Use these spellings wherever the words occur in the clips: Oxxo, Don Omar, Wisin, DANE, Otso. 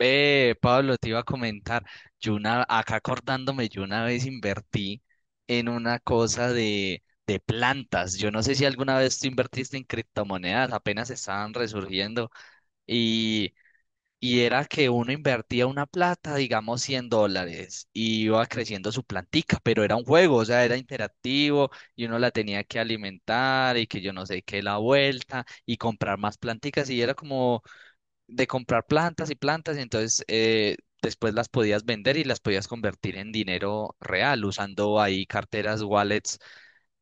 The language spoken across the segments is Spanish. Pablo, te iba a comentar, acá acordándome, yo una vez invertí en una cosa de plantas. Yo no sé si alguna vez tú invertiste en criptomonedas, apenas estaban resurgiendo, y, y era que uno invertía una plata, digamos 100 dólares, y iba creciendo su plantica, pero era un juego, o sea, era interactivo, y uno la tenía que alimentar, y que yo no sé qué, la vuelta, y comprar más planticas, y era como de comprar plantas y plantas, y entonces después las podías vender y las podías convertir en dinero real, usando ahí carteras, wallets,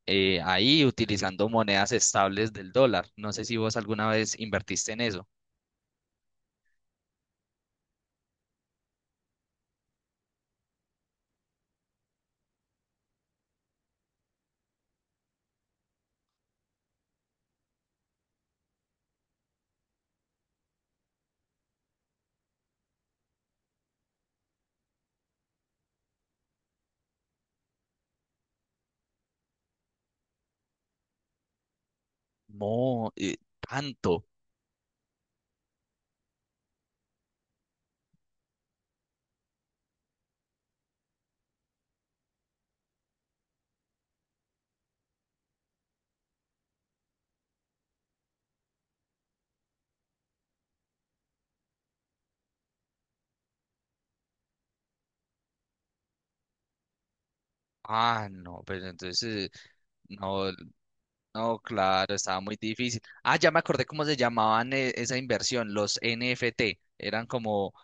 ahí utilizando monedas estables del dólar. ¿No sé si vos alguna vez invertiste en eso? No, tanto. Ah, no, pues entonces, no, no, claro, estaba muy difícil. Ah, ya me acordé cómo se llamaban esa inversión, los NFT. Eran como,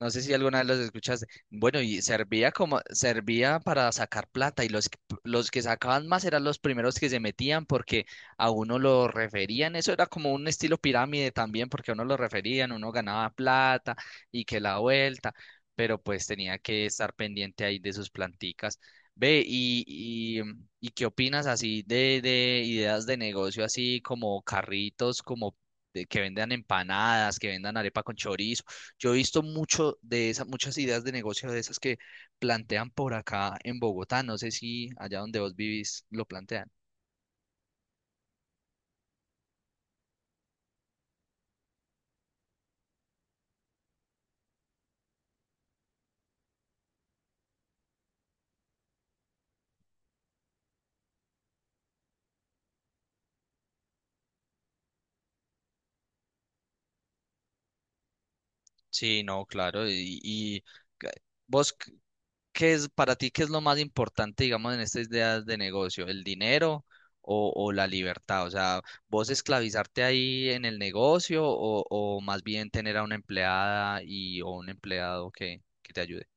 no sé si alguna vez los escuchaste. Bueno, y servía como, servía para sacar plata y los que sacaban más eran los primeros que se metían porque a uno lo referían. Eso era como un estilo pirámide también porque a uno lo referían, uno ganaba plata y que la vuelta, pero pues tenía que estar pendiente ahí de sus planticas. Ve, ¿y qué opinas así de ideas de negocio así como carritos, como de que vendan empanadas, que vendan arepa con chorizo? Yo he visto mucho de esas, muchas ideas de negocio de esas que plantean por acá en Bogotá. No sé si allá donde vos vivís lo plantean. Sí, no, claro. Ca- vos, c- ¿Qué es para ti, qué es lo más importante, digamos, en estas ideas de negocio? ¿El dinero o la libertad? O sea, ¿vos esclavizarte ahí en el negocio o más bien tener a una empleada y o un empleado que te ayude?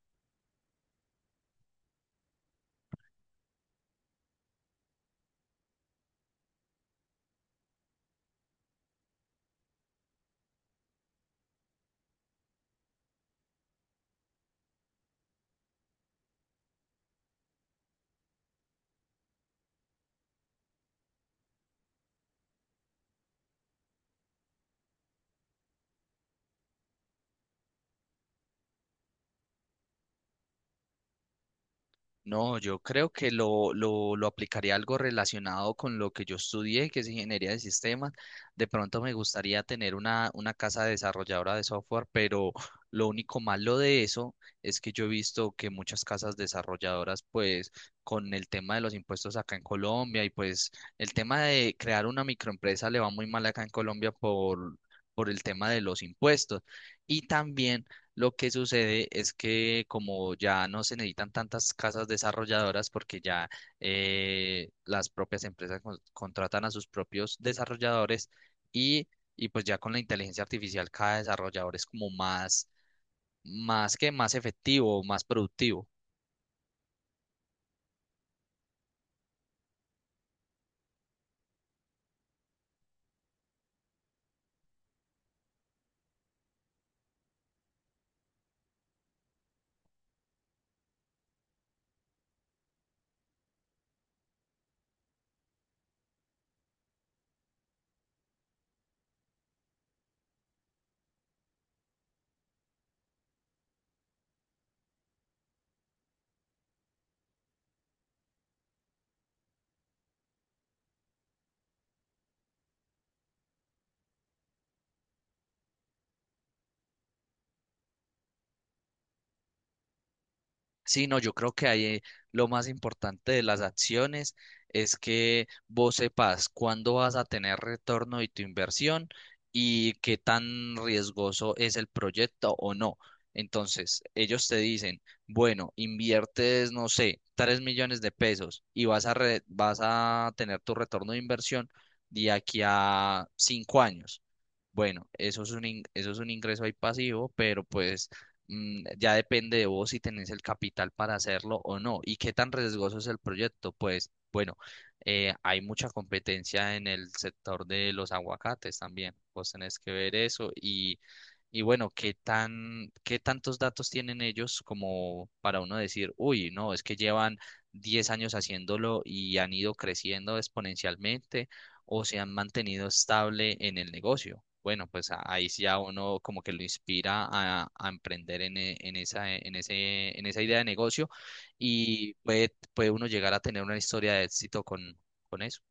No, yo creo que lo aplicaría algo relacionado con lo que yo estudié, que es ingeniería de sistemas. De pronto me gustaría tener una casa desarrolladora de software, pero lo único malo de eso es que yo he visto que muchas casas desarrolladoras, pues con el tema de los impuestos acá en Colombia y pues el tema de crear una microempresa le va muy mal acá en Colombia por el tema de los impuestos. Y también lo que sucede es que como ya no se necesitan tantas casas desarrolladoras porque ya las propias empresas contratan a sus propios desarrolladores y, y pues ya con la inteligencia artificial cada desarrollador es como más, más que más efectivo, más productivo. Sí, no, yo creo que ahí lo más importante de las acciones es que vos sepas cuándo vas a tener retorno de tu inversión y qué tan riesgoso es el proyecto o no. Entonces, ellos te dicen, bueno, inviertes, no sé, 3 millones de pesos y vas a vas a tener tu retorno de inversión de aquí a 5 años. Bueno, eso es un ingreso ahí pasivo, pero pues mm, ya depende de vos si tenés el capital para hacerlo o no. ¿Y qué tan riesgoso es el proyecto? Pues bueno, hay mucha competencia en el sector de los aguacates también. Vos tenés que ver eso y bueno, qué tantos datos tienen ellos como para uno decir, uy, no, es que llevan 10 años haciéndolo y han ido creciendo exponencialmente o se han mantenido estable en el negocio. Bueno, pues ahí sí ya uno como que lo inspira a emprender en esa, en esa idea de negocio y puede uno llegar a tener una historia de éxito con eso.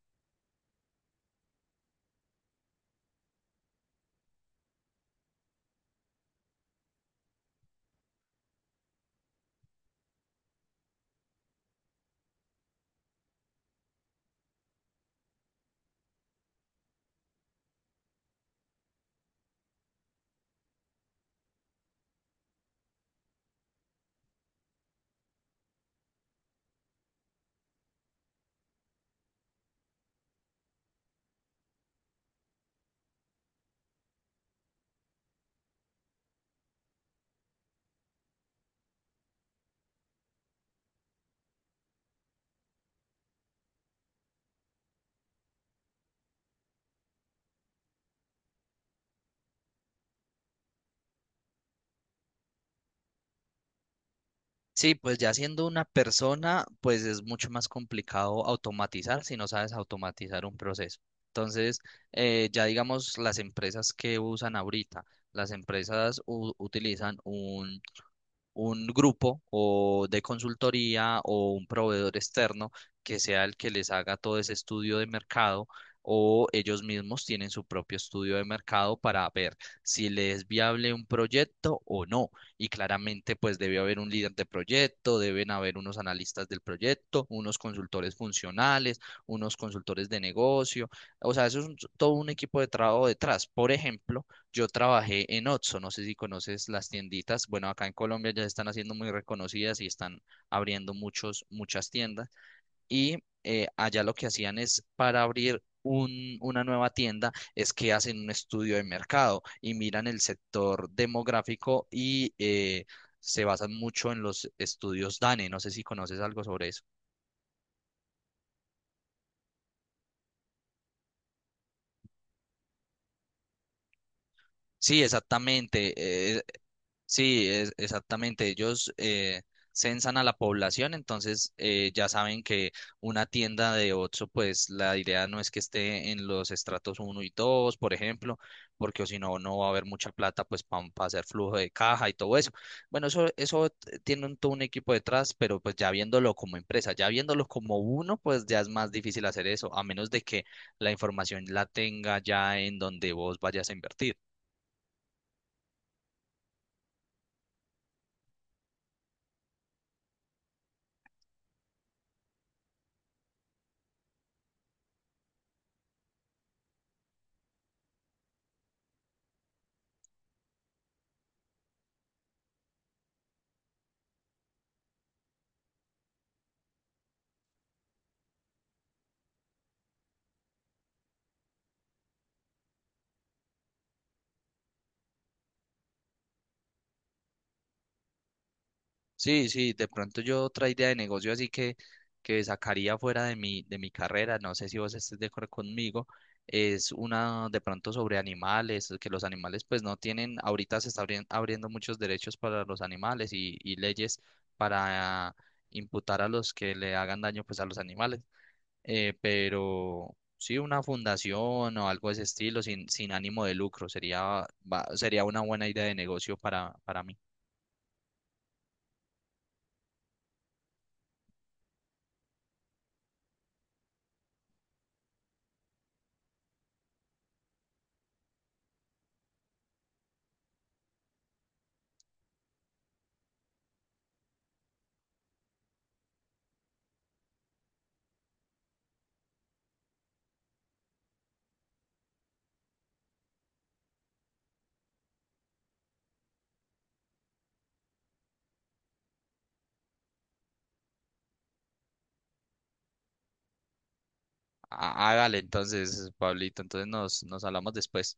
Sí, pues ya siendo una persona, pues es mucho más complicado automatizar si no sabes automatizar un proceso. Entonces, ya digamos las empresas que usan ahorita, las empresas utilizan un grupo o de consultoría o un proveedor externo que sea el que les haga todo ese estudio de mercado o ellos mismos tienen su propio estudio de mercado para ver si les es viable un proyecto o no. Y claramente pues debe haber un líder de proyecto, deben haber unos analistas del proyecto, unos consultores funcionales, unos consultores de negocio. O sea, todo un equipo de trabajo detrás. Por ejemplo, yo trabajé en Otso, no sé si conoces las tienditas. Bueno, acá en Colombia ya se están haciendo muy reconocidas y están abriendo muchas tiendas. Y allá lo que hacían es para abrir una nueva tienda, es que hacen un estudio de mercado y miran el sector demográfico y se basan mucho en los estudios DANE. No sé si conoces algo sobre eso. Sí, exactamente. eh, Sí, exactamente. Ellos censan a la población, entonces ya saben que una tienda de Oxxo, pues la idea no es que esté en los estratos uno y 2, por ejemplo, porque o si no, no va a haber mucha plata pues para hacer flujo de caja y todo eso. Bueno, tiene todo un equipo detrás, pero pues ya viéndolo como empresa, ya viéndolo como uno, pues ya es más difícil hacer eso, a menos de que la información la tenga ya en donde vos vayas a invertir. Sí, sí, de pronto yo otra idea de negocio así que sacaría fuera de mi carrera, no sé si vos estés de acuerdo conmigo, es una de pronto sobre animales, que los animales pues no tienen, ahorita se están abriendo muchos derechos para los animales y leyes para imputar a los que le hagan daño pues a los animales, pero sí una fundación o algo de ese estilo sin ánimo de lucro sería una buena idea de negocio para mí. Ah, hágale entonces, Pablito. Entonces nos hablamos después.